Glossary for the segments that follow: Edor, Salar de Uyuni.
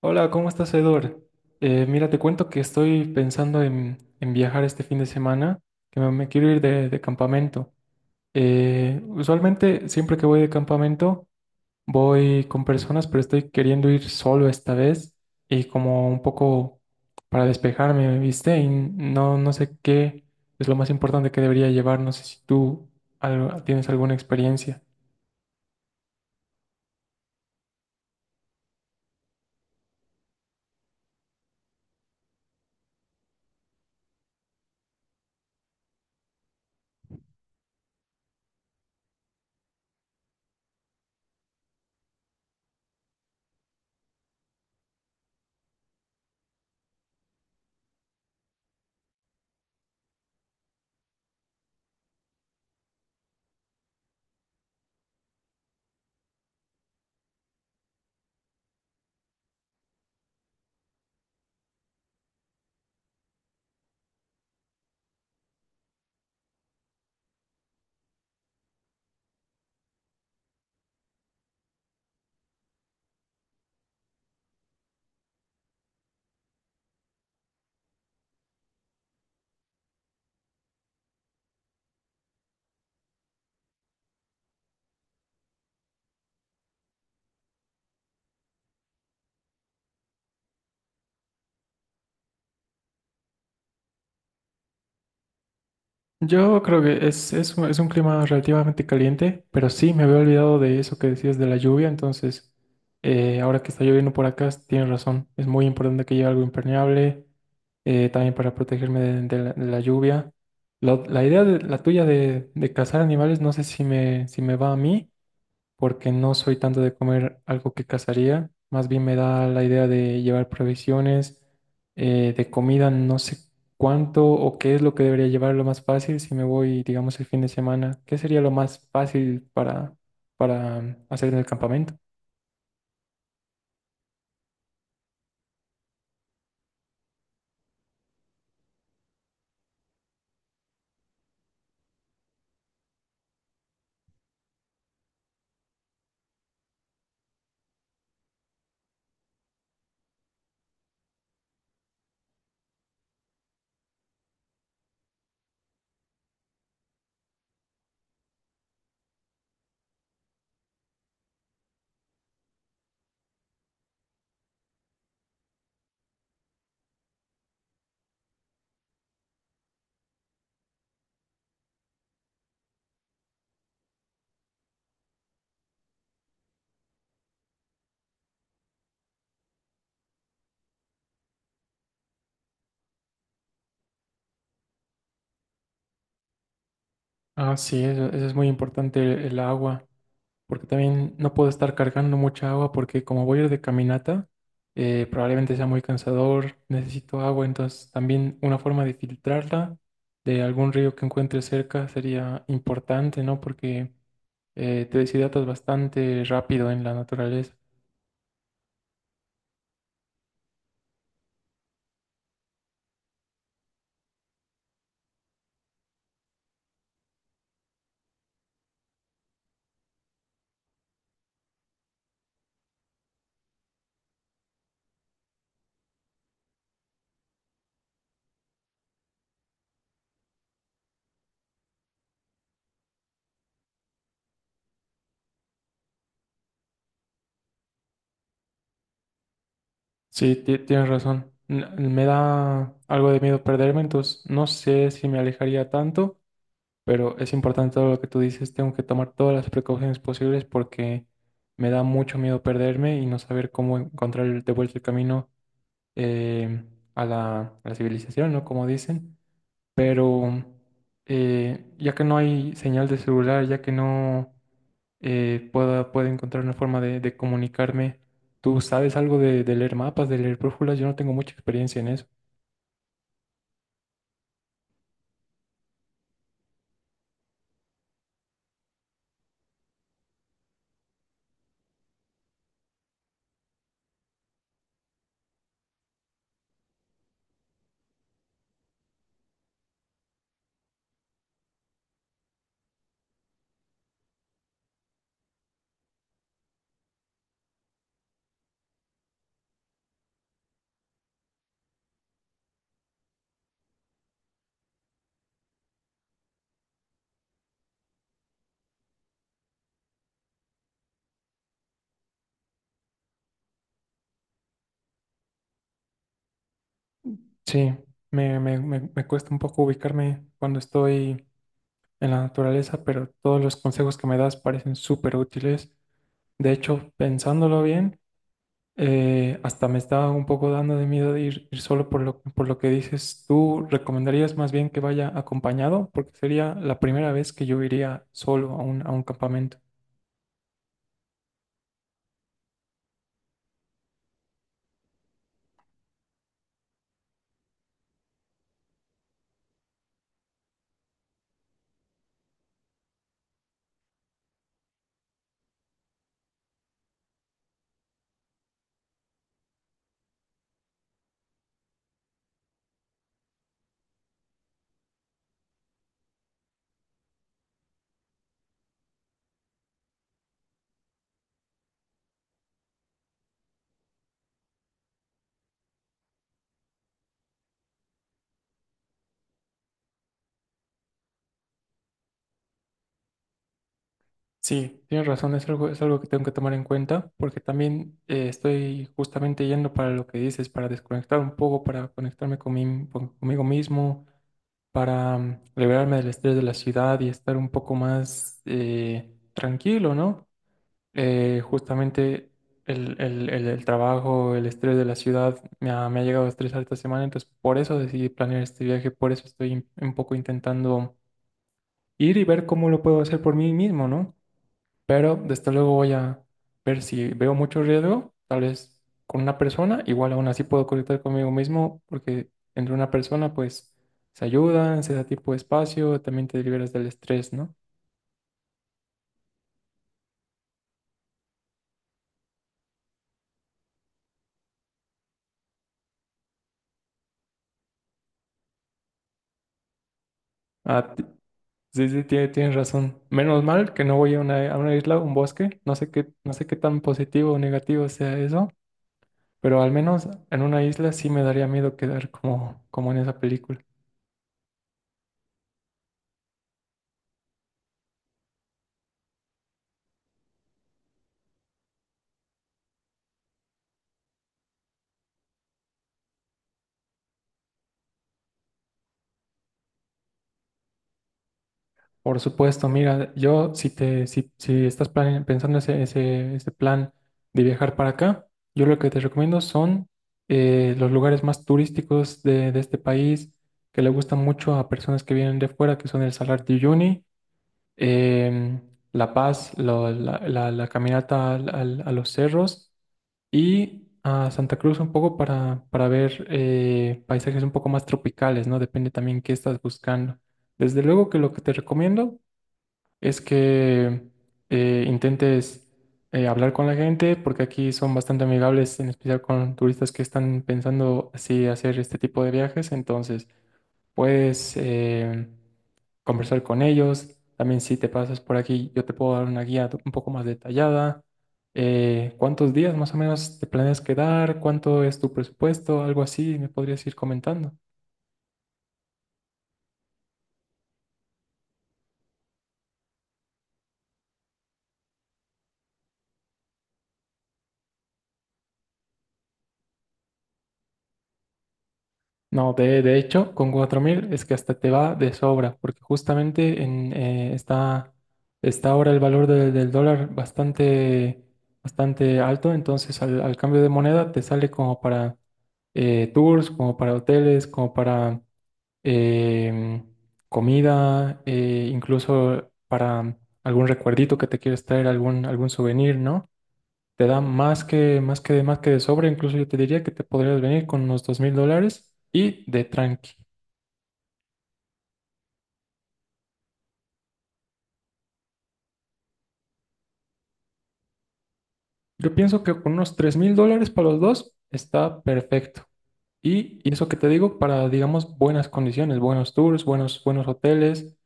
Hola, ¿cómo estás, Edor? Mira, te cuento que estoy pensando en viajar este fin de semana, que me quiero ir de campamento. Usualmente, siempre que voy de campamento, voy con personas, pero estoy queriendo ir solo esta vez y como un poco para despejarme, ¿viste? Y no sé qué es lo más importante que debería llevar. No sé si tú tienes alguna experiencia. Yo creo que es es un clima relativamente caliente, pero sí, me había olvidado de eso que decías de la lluvia, entonces ahora que está lloviendo por acá, tienes razón, es muy importante que lleve algo impermeable, también para protegerme de la lluvia. La idea de, la tuya de cazar animales, no sé si si me va a mí, porque no soy tanto de comer algo que cazaría, más bien me da la idea de llevar provisiones, de comida, no sé cuánto o qué es lo que debería llevar lo más fácil si me voy, digamos, el fin de semana, ¿qué sería lo más fácil para hacer en el campamento? Ah, sí, eso es muy importante, el agua. Porque también no puedo estar cargando mucha agua porque como voy a ir de caminata, probablemente sea muy cansador, necesito agua, entonces también una forma de filtrarla de algún río que encuentre cerca sería importante, ¿no? Porque te deshidratas bastante rápido en la naturaleza. Sí, tienes razón. Me da algo de miedo perderme, entonces no sé si me alejaría tanto. Pero es importante todo lo que tú dices, tengo que tomar todas las precauciones posibles porque me da mucho miedo perderme y no saber cómo encontrar de vuelta el camino eh, a a la civilización, ¿no? Como dicen. Pero ya que no hay señal de celular, ya que no puedo encontrar una forma de comunicarme, ¿tú sabes algo de leer mapas, de leer brújulas? Yo no tengo mucha experiencia en eso. Sí, me cuesta un poco ubicarme cuando estoy en la naturaleza, pero todos los consejos que me das parecen súper útiles. De hecho, pensándolo bien, hasta me está un poco dando de miedo de ir, ir solo por lo que dices. ¿Tú recomendarías más bien que vaya acompañado? Porque sería la primera vez que yo iría solo a a un campamento. Sí, tienes razón, es algo que tengo que tomar en cuenta, porque también estoy justamente yendo para lo que dices, para desconectar un poco, para conectarme con conmigo mismo para liberarme del estrés de la ciudad y estar un poco más tranquilo, ¿no? Justamente el trabajo, el estrés de la ciudad me ha llegado a estresar esta semana, entonces por eso decidí planear este viaje, por eso estoy un poco intentando ir y ver cómo lo puedo hacer por mí mismo, ¿no? Pero desde luego voy a ver si veo mucho riesgo, tal vez con una persona, igual aún así puedo conectar conmigo mismo, porque entre una persona pues se ayudan, se da tipo de espacio, también te liberas del estrés, ¿no? Ah, sí, sí, tienes razón. Menos mal que no voy a a una isla, un bosque, no sé qué, no sé qué tan positivo o negativo sea eso, pero al menos en una isla sí me daría miedo quedar como, como en esa película. Por supuesto, mira, yo si te, si, si estás pensando ese plan de viajar para acá, yo lo que te recomiendo son los lugares más turísticos de este país que le gustan mucho a personas que vienen de fuera, que son el Salar de Uyuni, em, La Paz, la caminata a los cerros y a Santa Cruz un poco para ver paisajes un poco más tropicales, ¿no? Depende también qué estás buscando. Desde luego que lo que te recomiendo es que intentes hablar con la gente, porque aquí son bastante amigables, en especial con turistas que están pensando así hacer este tipo de viajes. Entonces, puedes conversar con ellos. También si te pasas por aquí, yo te puedo dar una guía un poco más detallada. ¿Cuántos días más o menos te planeas quedar? ¿Cuánto es tu presupuesto? Algo así, me podrías ir comentando. No, de hecho, con 4.000 es que hasta te va de sobra, porque justamente está ahora el valor del dólar bastante, bastante alto, entonces al cambio de moneda te sale como para tours, como para hoteles, como para em, comida, incluso para algún recuerdito que te quieres traer, algún souvenir, ¿no? Te da más que de sobra. Incluso yo te diría que te podrías venir con unos 2.000 dólares y de tranqui. Yo pienso que con unos 3.000 dólares para los dos está perfecto. Y eso que te digo para, digamos, buenas condiciones, buenos tours, buenos hoteles.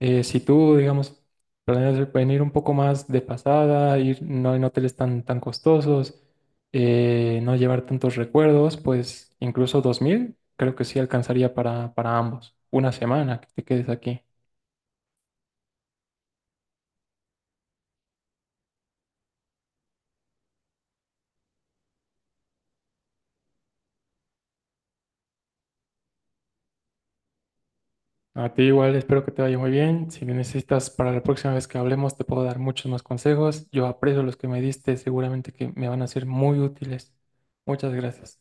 Si tú, digamos, planeas venir un poco más de pasada, ir no en hoteles tan costosos, no llevar tantos recuerdos, pues incluso 2.000 creo que sí alcanzaría para ambos. Una semana que te quedes aquí. A ti igual, espero que te vaya muy bien. Si me necesitas para la próxima vez que hablemos, te puedo dar muchos más consejos. Yo aprecio los que me diste, seguramente que me van a ser muy útiles. Muchas gracias.